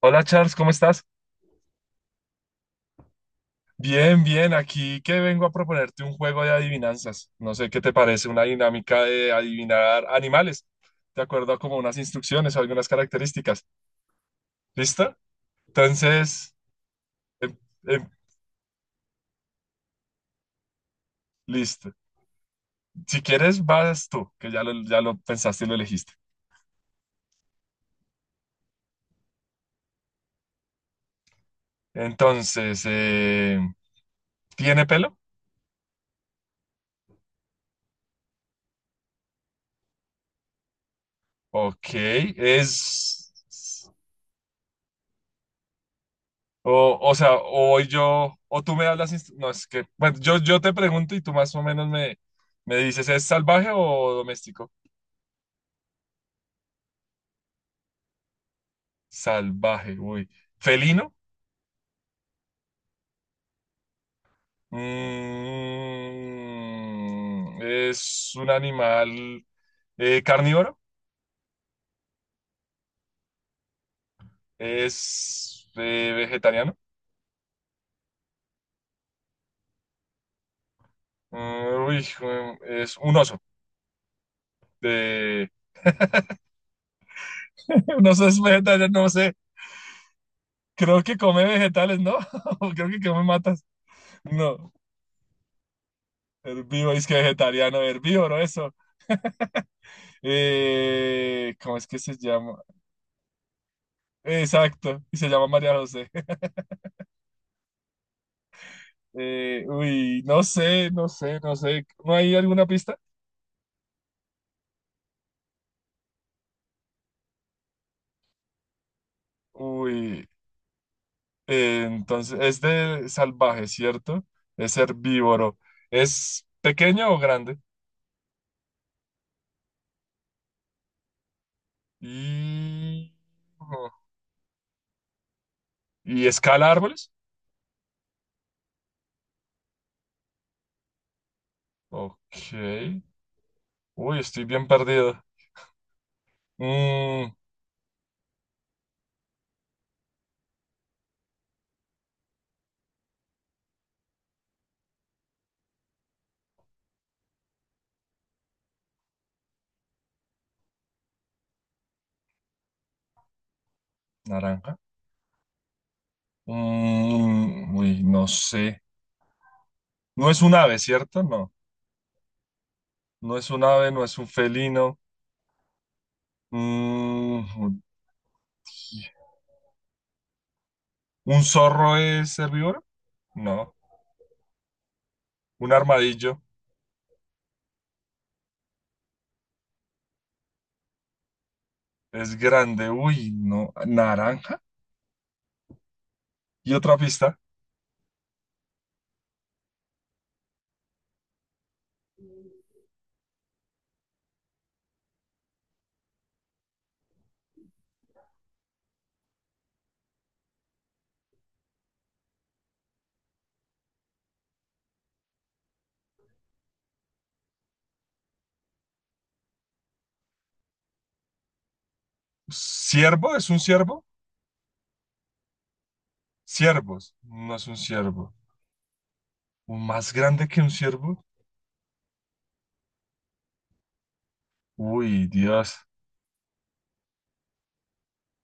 Hola Charles, ¿cómo estás? Bien, bien, aquí que vengo a proponerte un juego de adivinanzas. No sé qué te parece, una dinámica de adivinar animales, de acuerdo a como unas instrucciones o algunas características. ¿Listo? Entonces, em- em, listo. Si quieres, vas tú, que ya lo pensaste y lo elegiste. Entonces, ¿tiene pelo? Ok, es... O, o sea, o hoy yo, o tú me hablas, no, es que, bueno, yo te pregunto y tú más o menos me, me dices, ¿es salvaje o doméstico? Salvaje, uy. ¿Felino? Mm, ¿es un animal carnívoro? ¿Es vegetariano? Mm, uy, es un oso. De... Un oso es vegetariano, no sé. Creo que come vegetales, ¿no? Creo que come matas. No. Herbívoro, es que vegetariano, herbívoro, eso. ¿Cómo es que se llama? Exacto, y se llama María José. Uy, no sé, no sé, no sé. ¿No hay alguna pista? Uy, entonces es de salvaje, ¿cierto? Es herbívoro. ¿Es pequeño o grande? Y, ¿Y escala árboles? Ok. Uy, estoy bien perdido. Mm, naranja. Mm, uy, no sé. No es un ave, ¿cierto? No. No es un ave, no es un felino. Mm, ¿un zorro es herbívoro? No. ¿Un armadillo es grande? Uy, no. ¿Naranja? Y otra pista. ¿Ciervo? ¿Es un ciervo? Ciervos. No es un ciervo. ¿Un ¿Más grande que un ciervo? Uy, Dios.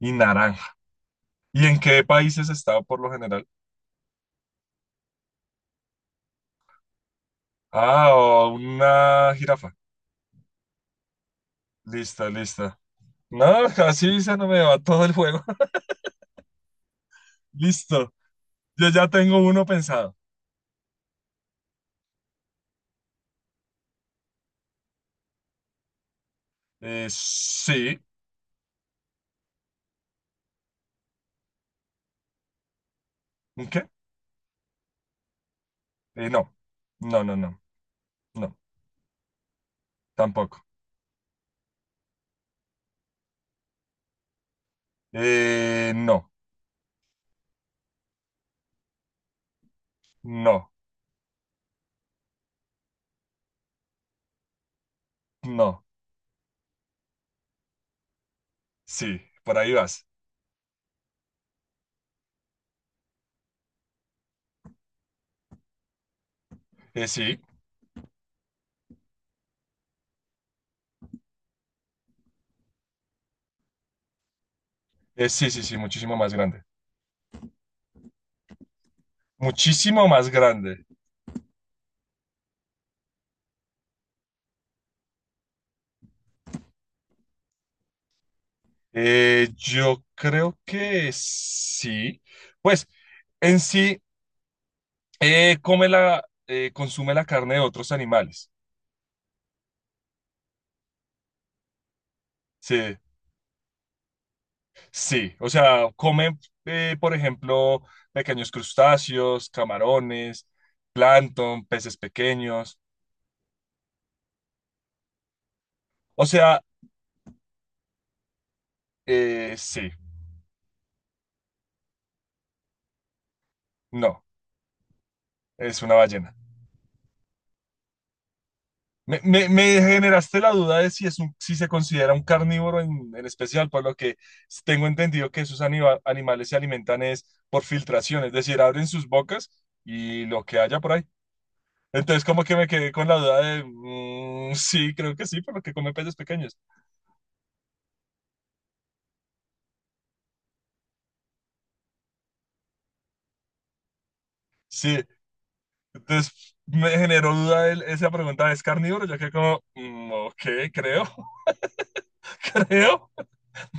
Y naranja. ¿Y en qué países está por lo general? Ah, o una jirafa. Lista, lista. No, así se no me va todo el juego. Listo. Yo ya tengo uno pensado. Sí. ¿Un ¿Qué? No. No, no, no. No. Tampoco. No. No. No. Sí. Por ahí vas. Sí. Sí, sí, sí. Muchísimo más grande. Muchísimo más grande. Yo creo que sí. Pues en sí, come la, consume la carne de otros animales. Sí. Sí, o sea, comen, por ejemplo, pequeños crustáceos, camarones, plancton, peces pequeños. O sea, sí, no, es una ballena. Me, me generaste la duda de si, si se considera un carnívoro en especial, por lo que tengo entendido que esos animales se alimentan es por filtración, es decir, abren sus bocas y lo que haya por ahí. Entonces, como que me quedé con la duda de, mm, sí, creo que sí, por lo que come peces pequeños. Sí. Entonces me generó duda esa pregunta, ¿es carnívoro? Yo quedé como, mm, ok, creo, creo,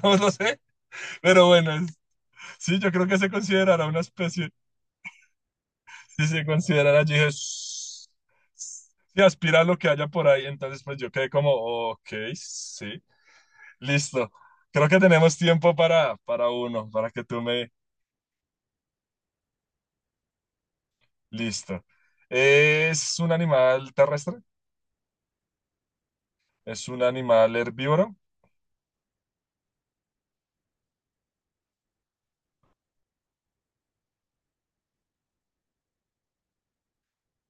no lo sé, pero bueno, sí, yo creo que se considerará una especie, si se considerará, allí dije, "Ss- ss", si aspira a lo que haya por ahí, entonces pues yo quedé como, ok, sí, listo, creo que tenemos tiempo para uno, para que tú me, listo. ¿Es un animal terrestre? ¿Es un animal herbívoro?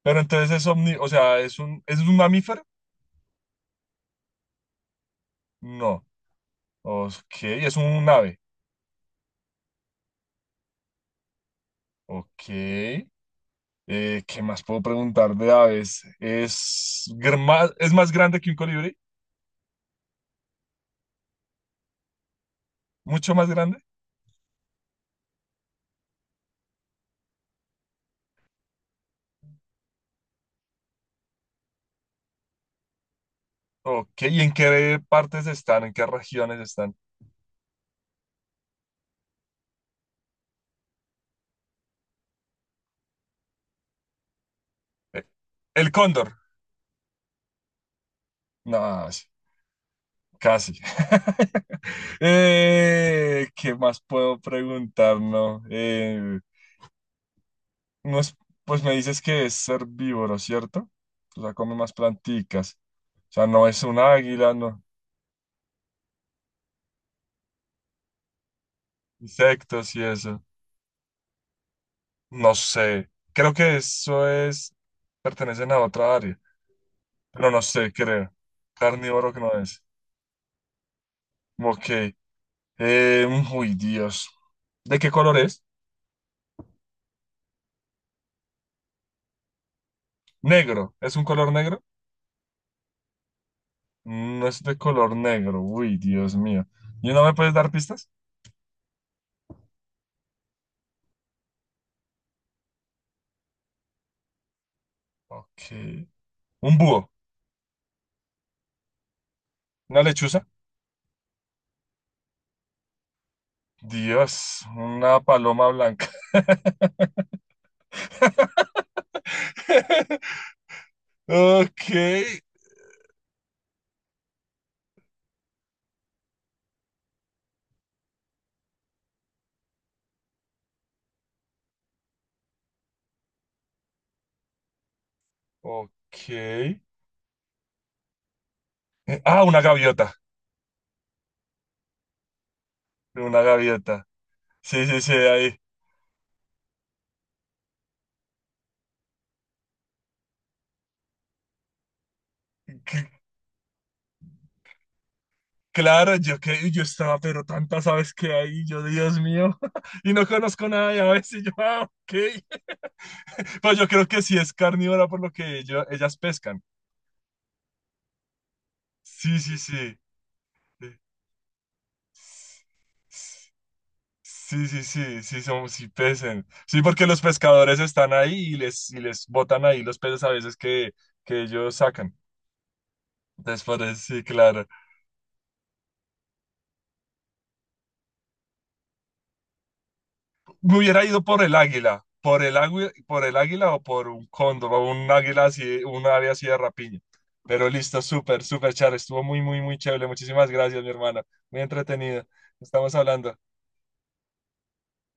Pero entonces es omni, o sea, es un mamífero? No. Ok, es un ave. Ok. ¿Qué más puedo preguntar de aves? ¿Es, es más grande que un colibrí? ¿Mucho más grande? Ok, ¿y en qué partes están? ¿En qué regiones están? Eh, ¿El cóndor? No, sí, casi. ¿Qué más puedo preguntar? No, no es- pues me dices que es herbívoro, ¿cierto? O sea, come más planticas. O sea, no es un águila, no. Insectos y eso. No sé, creo que eso es, pertenecen a otra área, pero no sé, creo. Carnívoro que no es. Ok. Eh, uy, Dios. ¿De qué color es? Negro. ¿Es un color negro? Mm, no es de color negro. Uy, Dios mío. ¿Y no me puedes dar pistas? Ok. Un búho. Una lechuza. Dios, una paloma blanca. Ok, ok. Ah, una gaviota. Una gaviota. Sí, sí, sí, ahí. Claro, yo que yo estaba, pero tantas aves que hay, yo, Dios mío, y no conozco nada de aves, y yo, ah, ok. Pero yo creo que sí es carnívora por lo que ellas pescan. Sí, sí, sí. eh, Sí, sí, sí, sí, son, sí pesen. Sí, porque los pescadores están ahí y les botan ahí los peces a veces que ellos sacan. Después, sí, claro. Me hubiera ido por el águila, por el águila, por el águila o por un cóndor o un águila así, un ave así de rapiña. Pero listo, súper, súper, Char. Estuvo muy, muy, muy chévere. Muchísimas gracias, mi hermana. Muy entretenida. Estamos hablando.